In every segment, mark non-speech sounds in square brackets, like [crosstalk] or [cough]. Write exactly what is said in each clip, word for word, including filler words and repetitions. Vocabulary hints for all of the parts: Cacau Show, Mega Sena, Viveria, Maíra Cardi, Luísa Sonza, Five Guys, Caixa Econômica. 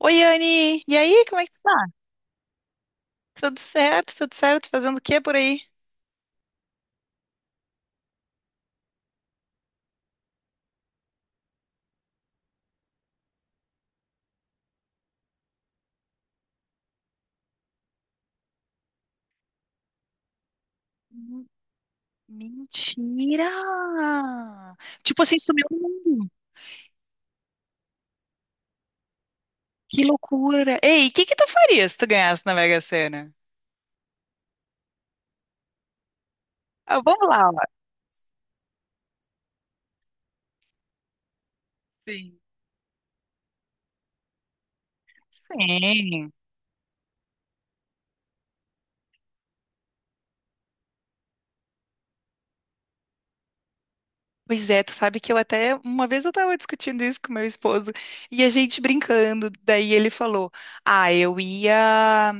Oi, Anne! E aí, como é que tu tá? Tudo certo, tudo certo? Fazendo o que por aí? Hum. Mentira! Tipo assim, sumiu o mundo. Que loucura! Ei, o que que tu faria se tu ganhasse na Mega Sena? Ah, vamos lá, ó. Sim. Sim. Pois é, tu sabe que eu até, uma vez eu tava discutindo isso com meu esposo, e a gente brincando, daí ele falou, ah, eu ia,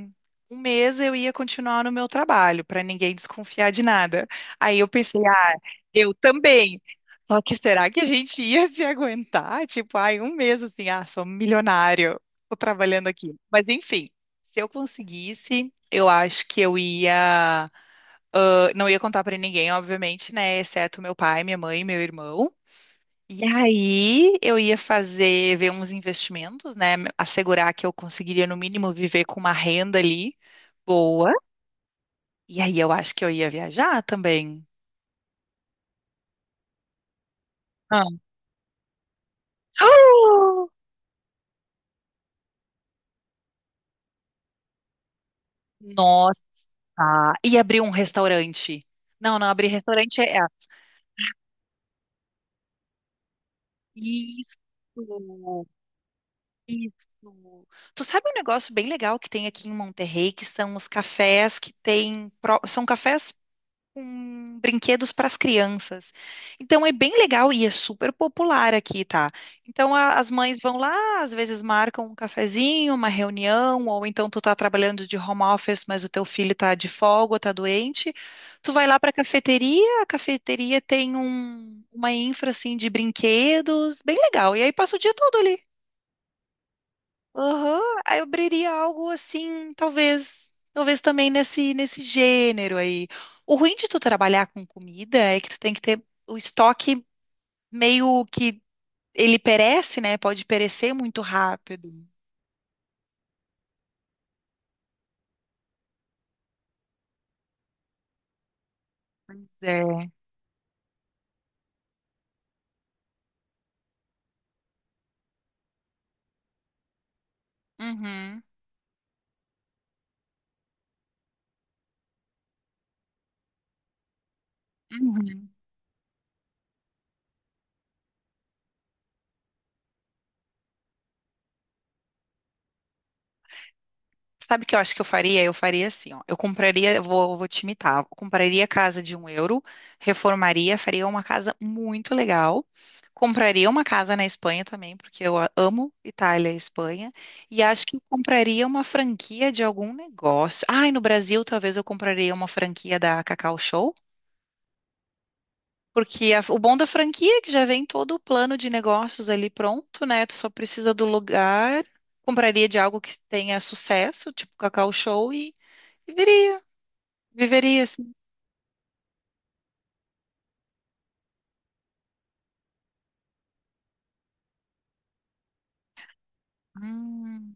um mês eu ia continuar no meu trabalho, pra ninguém desconfiar de nada. Aí eu pensei, ah, eu também. Só que será que a gente ia se aguentar? Tipo, ai, um mês assim, ah, sou milionário, tô trabalhando aqui. Mas enfim, se eu conseguisse, eu acho que eu ia. Ah, não ia contar pra ninguém, obviamente, né? Exceto meu pai, minha mãe, meu irmão. E aí eu ia fazer, ver uns investimentos, né? Assegurar que eu conseguiria, no mínimo, viver com uma renda ali boa. E aí eu acho que eu ia viajar também. Ah. Ah! [gasps] Nossa! E abrir um restaurante. Não, não, abrir restaurante é. é, Isso! Isso. Tu sabe um negócio bem legal que tem aqui em Monterrey, que são os cafés que tem, pro- são cafés com brinquedos para as crianças. Então é bem legal e é super popular aqui, tá? Então a- as mães vão lá, às vezes marcam um cafezinho, uma reunião, ou então tu tá trabalhando de home office, mas o teu filho tá de folga, tá doente. Tu vai lá para a cafeteria, a cafeteria tem um- uma infra assim de brinquedos, bem legal. E aí passa o dia todo ali. Aham, aí eu abriria algo assim, talvez, talvez também nesse nesse gênero aí. O ruim de tu trabalhar com comida é que tu tem que ter o estoque meio que ele perece, né? Pode perecer muito rápido. Pois é. Uhum, uhum. Sabe o que eu acho que eu faria? Eu faria assim, ó. Eu compraria, eu vou, eu vou te imitar. Eu compraria a casa de um euro, reformaria, faria uma casa muito legal. Compraria uma casa na Espanha também, porque eu a- amo Itália e Espanha. E acho que eu compraria uma franquia de algum negócio. Ai, no Brasil, talvez eu compraria uma franquia da Cacau Show. Porque a- o bom da franquia é que já vem todo o plano de negócios ali pronto, né? Tu só precisa do lugar. Compraria de algo que tenha sucesso, tipo Cacau Show. Viveria, viveria assim. Hum,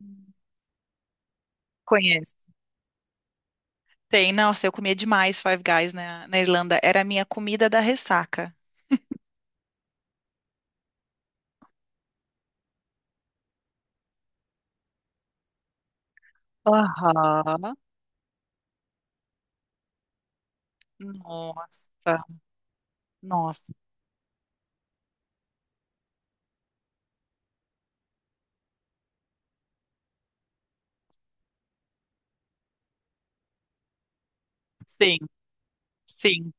conheço. Tem, nossa, eu comia demais Five Guys na, na Irlanda. Era a minha comida da ressaca. Aham. Nossa, nossa. Sim, sim.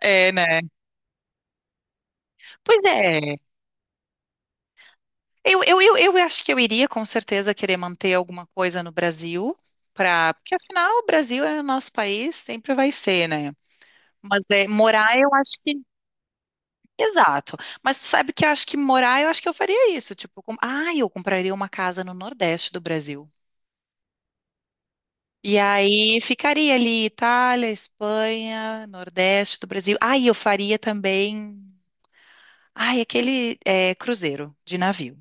É, né? Pois é. Eu, eu, eu, eu acho que eu iria com certeza querer manter alguma coisa no Brasil, pra... porque afinal o Brasil é o nosso país, sempre vai ser, né? Mas é, morar eu acho que. Exato. Mas sabe que eu acho que morar, eu acho que eu faria isso. Tipo, com... ah, eu compraria uma casa no Nordeste do Brasil. E aí ficaria ali Itália, Espanha, Nordeste do Brasil. Ah, e eu faria também. Ai, aquele é, cruzeiro de navio.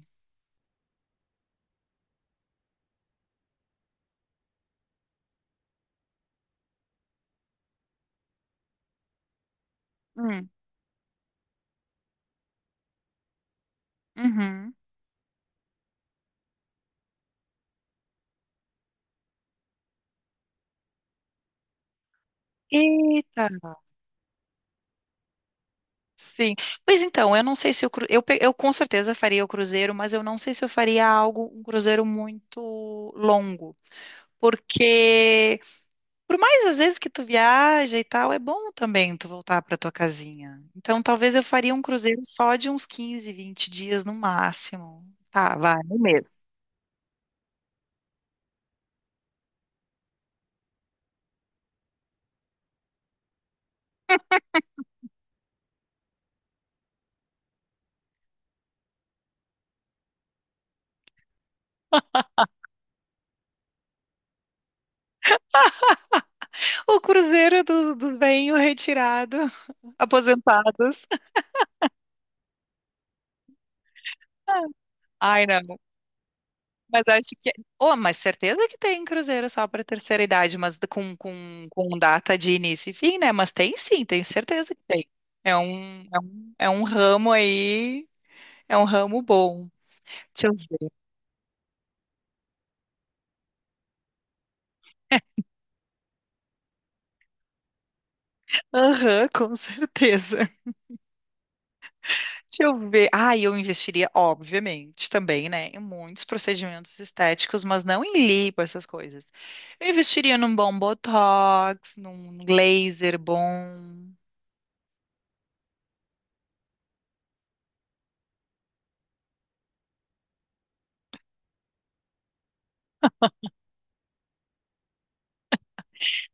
Hum, uhum. Eita. Sim. Pois então, eu não sei se eu, eu, pe- eu com certeza faria o cruzeiro, mas eu não sei se eu faria algo, um cruzeiro muito longo. Porque Por mais às vezes que tu viaja e tal, é bom também tu voltar para tua casinha. Então, talvez eu faria um cruzeiro só de uns quinze, vinte dias no máximo. Tá, vai, um mês. O cruzeiro do- dos bem retirados, [laughs] aposentados. Ai, não. Mas acho que. Oh, mas certeza que tem cruzeiro só para terceira idade, mas com, com, com data de início e fim, né? Mas tem sim, tenho certeza que tem. É um, é um, é um ramo aí, é um ramo bom. Aham, com certeza. Deixa eu ver. Ah, eu investiria, obviamente, também, né, em muitos procedimentos estéticos, mas não em lipo, essas coisas. Eu investiria num bom botox, num laser bom.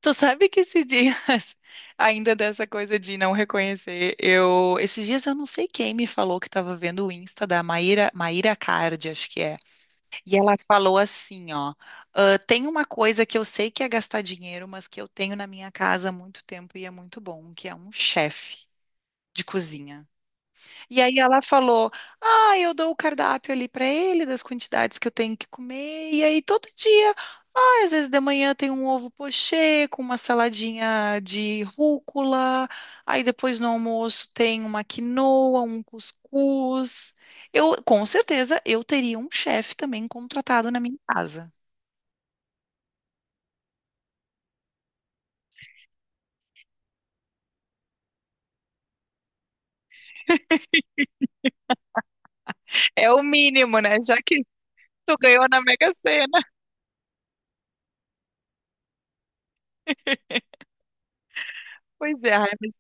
Tu sabe que esses dias, [laughs] ainda dessa coisa de não reconhecer, eu, esses dias eu não sei quem me falou que estava vendo o Insta da Maíra, Maíra Cardi, acho que é. E ela falou assim, ó, "Ah, tem uma coisa que eu sei que é gastar dinheiro, mas que eu tenho na minha casa há muito tempo e é muito bom, que é um chefe de cozinha. E aí ela falou: Ah, eu dou o cardápio ali para ele, das quantidades que eu tenho que comer. E aí todo dia, ah, às vezes de manhã tem um ovo pochê com uma saladinha de rúcula. Aí depois no almoço tem uma quinoa, um cuscuz. Eu, com certeza, eu teria um chefe também contratado na minha casa. É o mínimo, né? Já que tu ganhou na Mega Sena. Pois é, ai, mas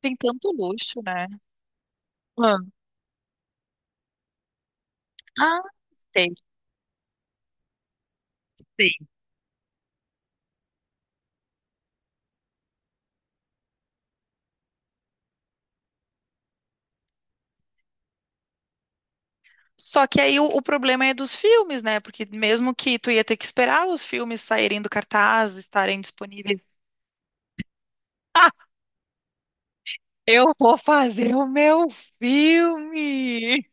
tem tanto luxo, né? Ah, Ah, sei. Só que aí o, o problema é dos filmes, né? Porque mesmo que tu ia ter que esperar os filmes saírem do cartaz, estarem disponíveis. [laughs] Ah, eu vou fazer o meu filme!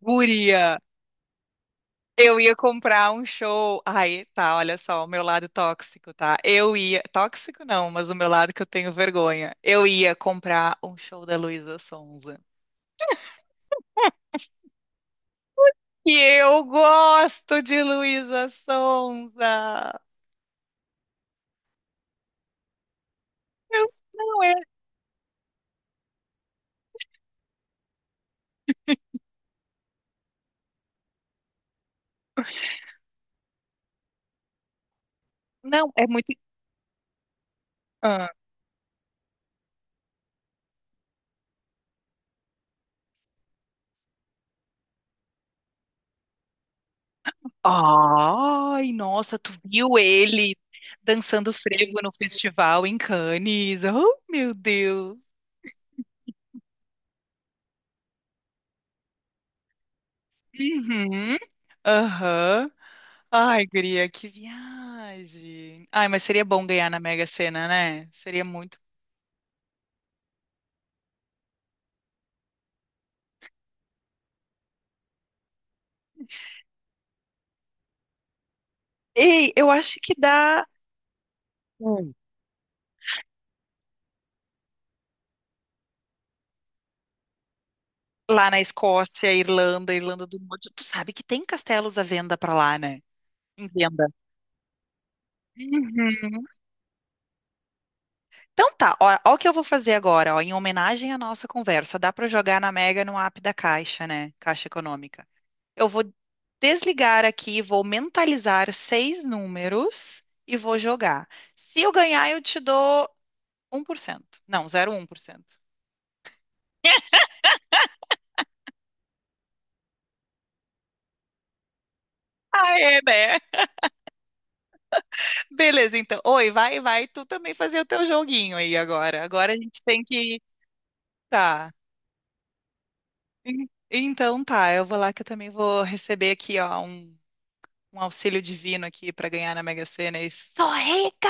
Guria, eu ia comprar um show. Aí, tá, olha só, o meu lado tóxico, tá? Eu ia. Tóxico não, mas o meu lado que eu tenho vergonha. Eu ia comprar um show da Luísa Sonza. E eu gosto de Luísa Sonza! Eu- não é. Não, é muito. Ai, nossa, tu viu ele dançando frevo no festival em Cannes? Oh, meu Deus. Uhum. Aham. Ai, guria, que viagem. Ai, mas seria bom ganhar na Mega Sena, né? Seria muito. Ei, eu acho que dá. Hum. Lá na Escócia, Irlanda, Irlanda do Norte. Tu sabe que tem castelos à venda pra lá, né? Em venda. Uhum. Então tá, ó, ó o que eu vou fazer agora, ó, em homenagem à nossa conversa. Dá para jogar na Mega no app da Caixa, né? Caixa Econômica. Eu vou desligar aqui, vou mentalizar seis números e vou jogar. Se eu ganhar, eu te dou um por cento. Não, zero vírgula um por cento. [laughs] Ah, é, né? Beleza, então. Oi, vai, vai, tu também fazer o teu joguinho aí agora. Agora a gente tem que. Tá. En- Então tá, eu vou lá que eu também vou receber aqui, ó, um. um auxílio divino aqui para ganhar na Mega Sena e sou rica!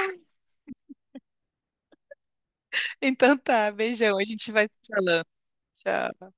Então tá, beijão, a gente vai se falando. Tchau.